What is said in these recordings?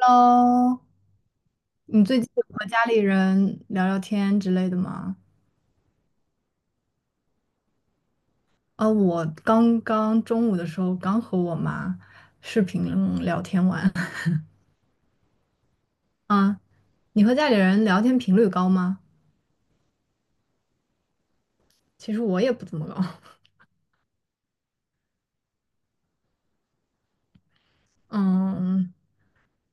喽，你最近有和家里人聊聊天之类的吗？啊，我刚刚中午的时候刚和我妈视频聊天完。啊，你和家里人聊天频率高吗？其实我也不怎么高。嗯，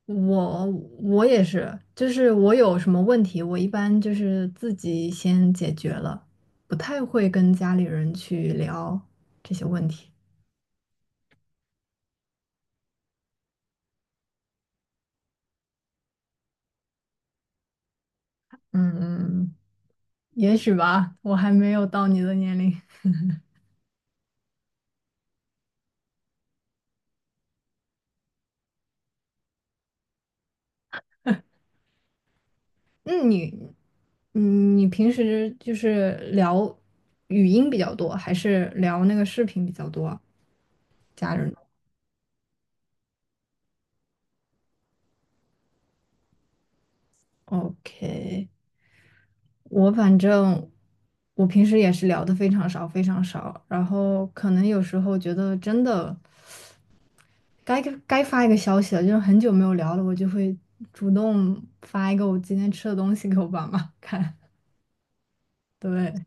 我也是，就是我有什么问题，我一般就是自己先解决了，不太会跟家里人去聊这些问题。嗯嗯，也许吧，我还没有到你的年龄。那你，嗯，你平时就是聊语音比较多，还是聊那个视频比较多啊家人？OK，我反正我平时也是聊的非常少，非常少。然后可能有时候觉得真的该发一个消息了，就是很久没有聊了，我就会主动发一个我今天吃的东西给我爸妈看。对，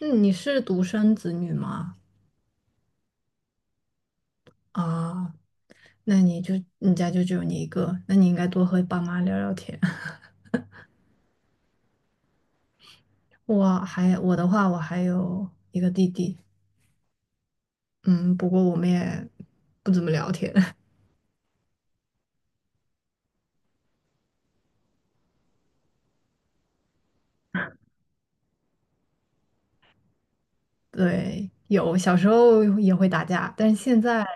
那你是独生子女吗？啊，那你就你家就只有你一个，那你应该多和爸妈聊聊天。我的话，我还有一个弟弟，嗯，不过我们也不怎么聊天。对，有小时候也会打架，但是现在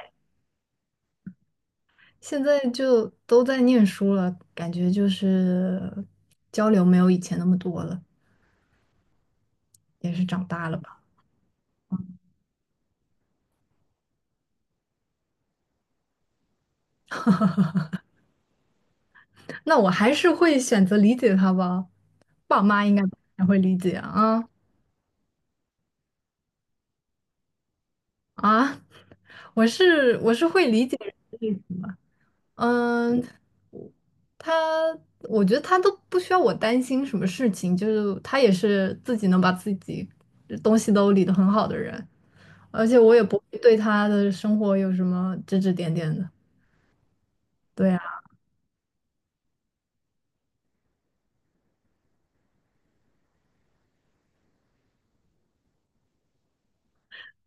现在就都在念书了，感觉就是交流没有以前那么多了，也是长大了吧。那我还是会选择理解他吧，爸妈应该还会理解啊啊。啊 我是会理解。嗯，他，我觉得他都不需要我担心什么事情，就是他也是自己能把自己东西都理得很好的人，而且我也不会对他的生活有什么指指点点的。对啊，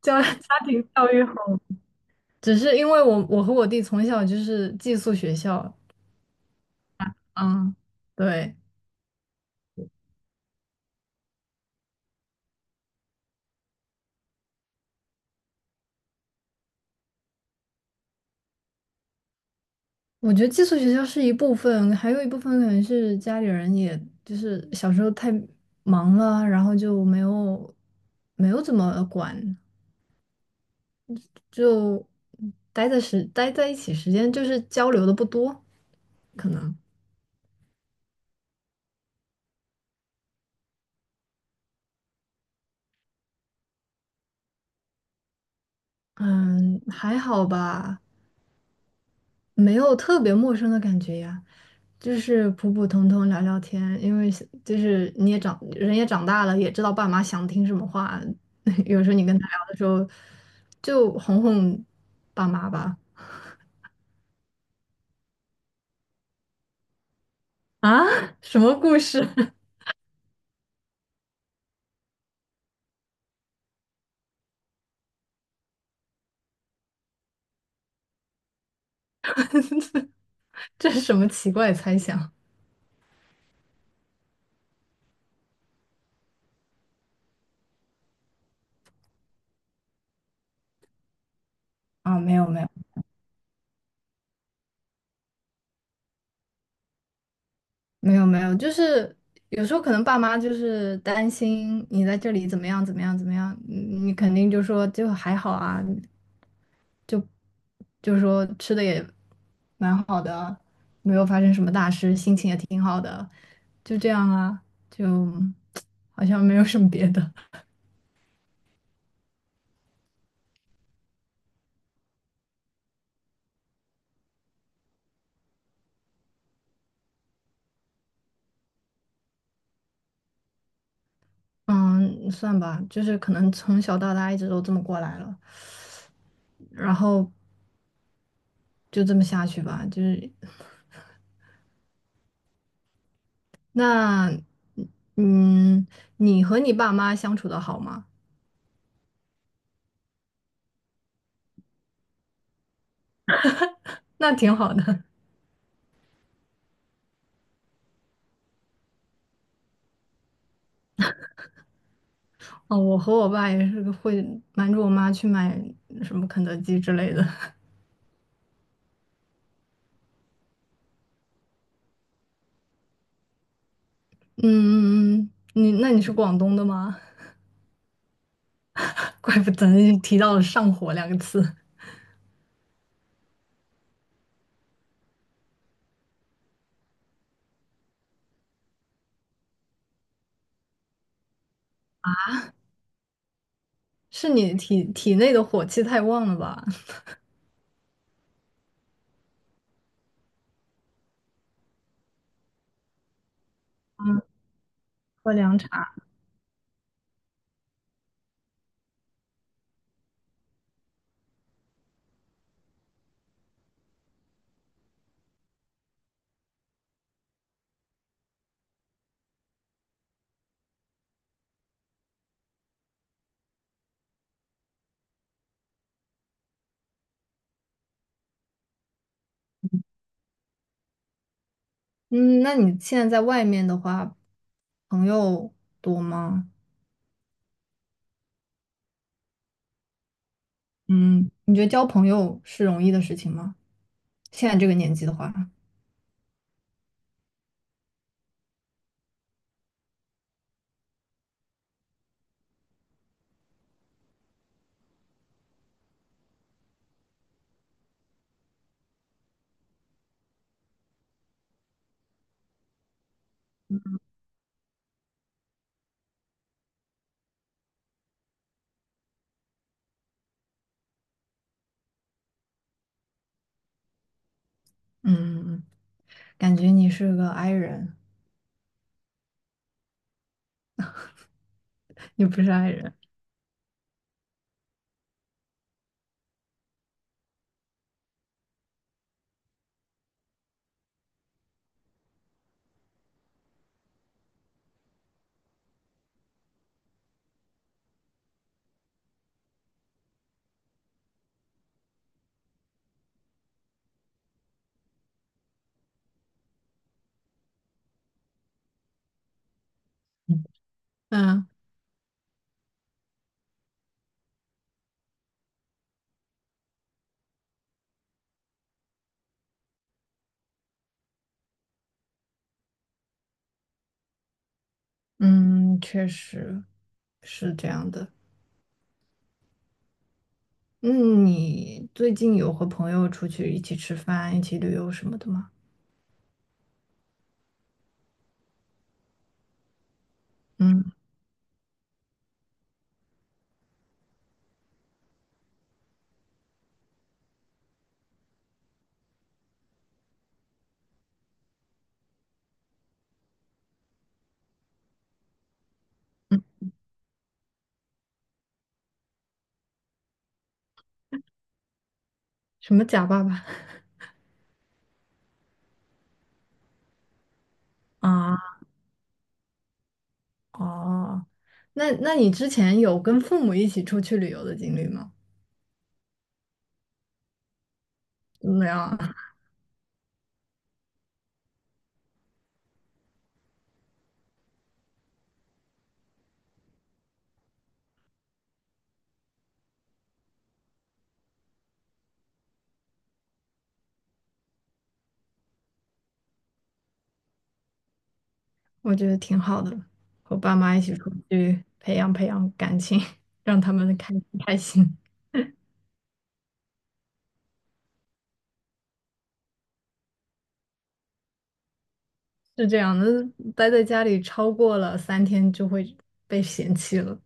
家 家庭教育好，只是因为我和我弟从小就是寄宿学校，嗯，对，我觉得寄宿学校是一部分，还有一部分可能是家里人也，就是小时候太忙了，然后就没有怎么管，就待在一起时间就是交流的不多，可能嗯还好吧，没有特别陌生的感觉呀。就是普普通通聊聊天，因为是就是你也长人也长大了，也知道爸妈想听什么话。有时候你跟他聊的时候，就哄哄爸妈吧。啊，什么故事？这是什么奇怪的猜想？啊，没有没有，没有没有，就是有时候可能爸妈就是担心你在这里怎么样怎么样怎么样，你肯定就说就还好啊，就是说吃的也蛮好的，没有发生什么大事，心情也挺好的，就这样啊，就好像没有什么别的。嗯，算吧，就是可能从小到大一直都这么过来了，然后就这么下去吧。就是那，嗯，你和你爸妈相处的好吗？那挺好的。哦，我和我爸也是会瞒着我妈去买什么肯德基之类的。嗯嗯嗯，你那你是广东的吗？怪不得你提到了上火两个字，是你体内的火气太旺了吧？喝凉茶，嗯，那你现在在外面的话，朋友多吗？嗯，你觉得交朋友是容易的事情吗？现在这个年纪的话，嗯，感觉你是个 i 人，你不是 i 人。嗯嗯，确实是这样的。嗯，你最近有和朋友出去一起吃饭、一起旅游什么的吗？嗯。什么假爸爸 啊？哦，那那你之前有跟父母一起出去旅游的经历吗？没有啊，我觉得挺好的，和爸妈一起出去培养培养感情，让他们开开心。是这样的，待在家里超过了3天就会被嫌弃了。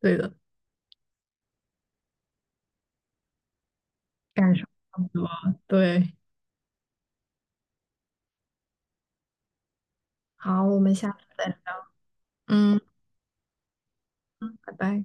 对的，感受差不多。对，好，我们下次再聊。嗯，拜拜。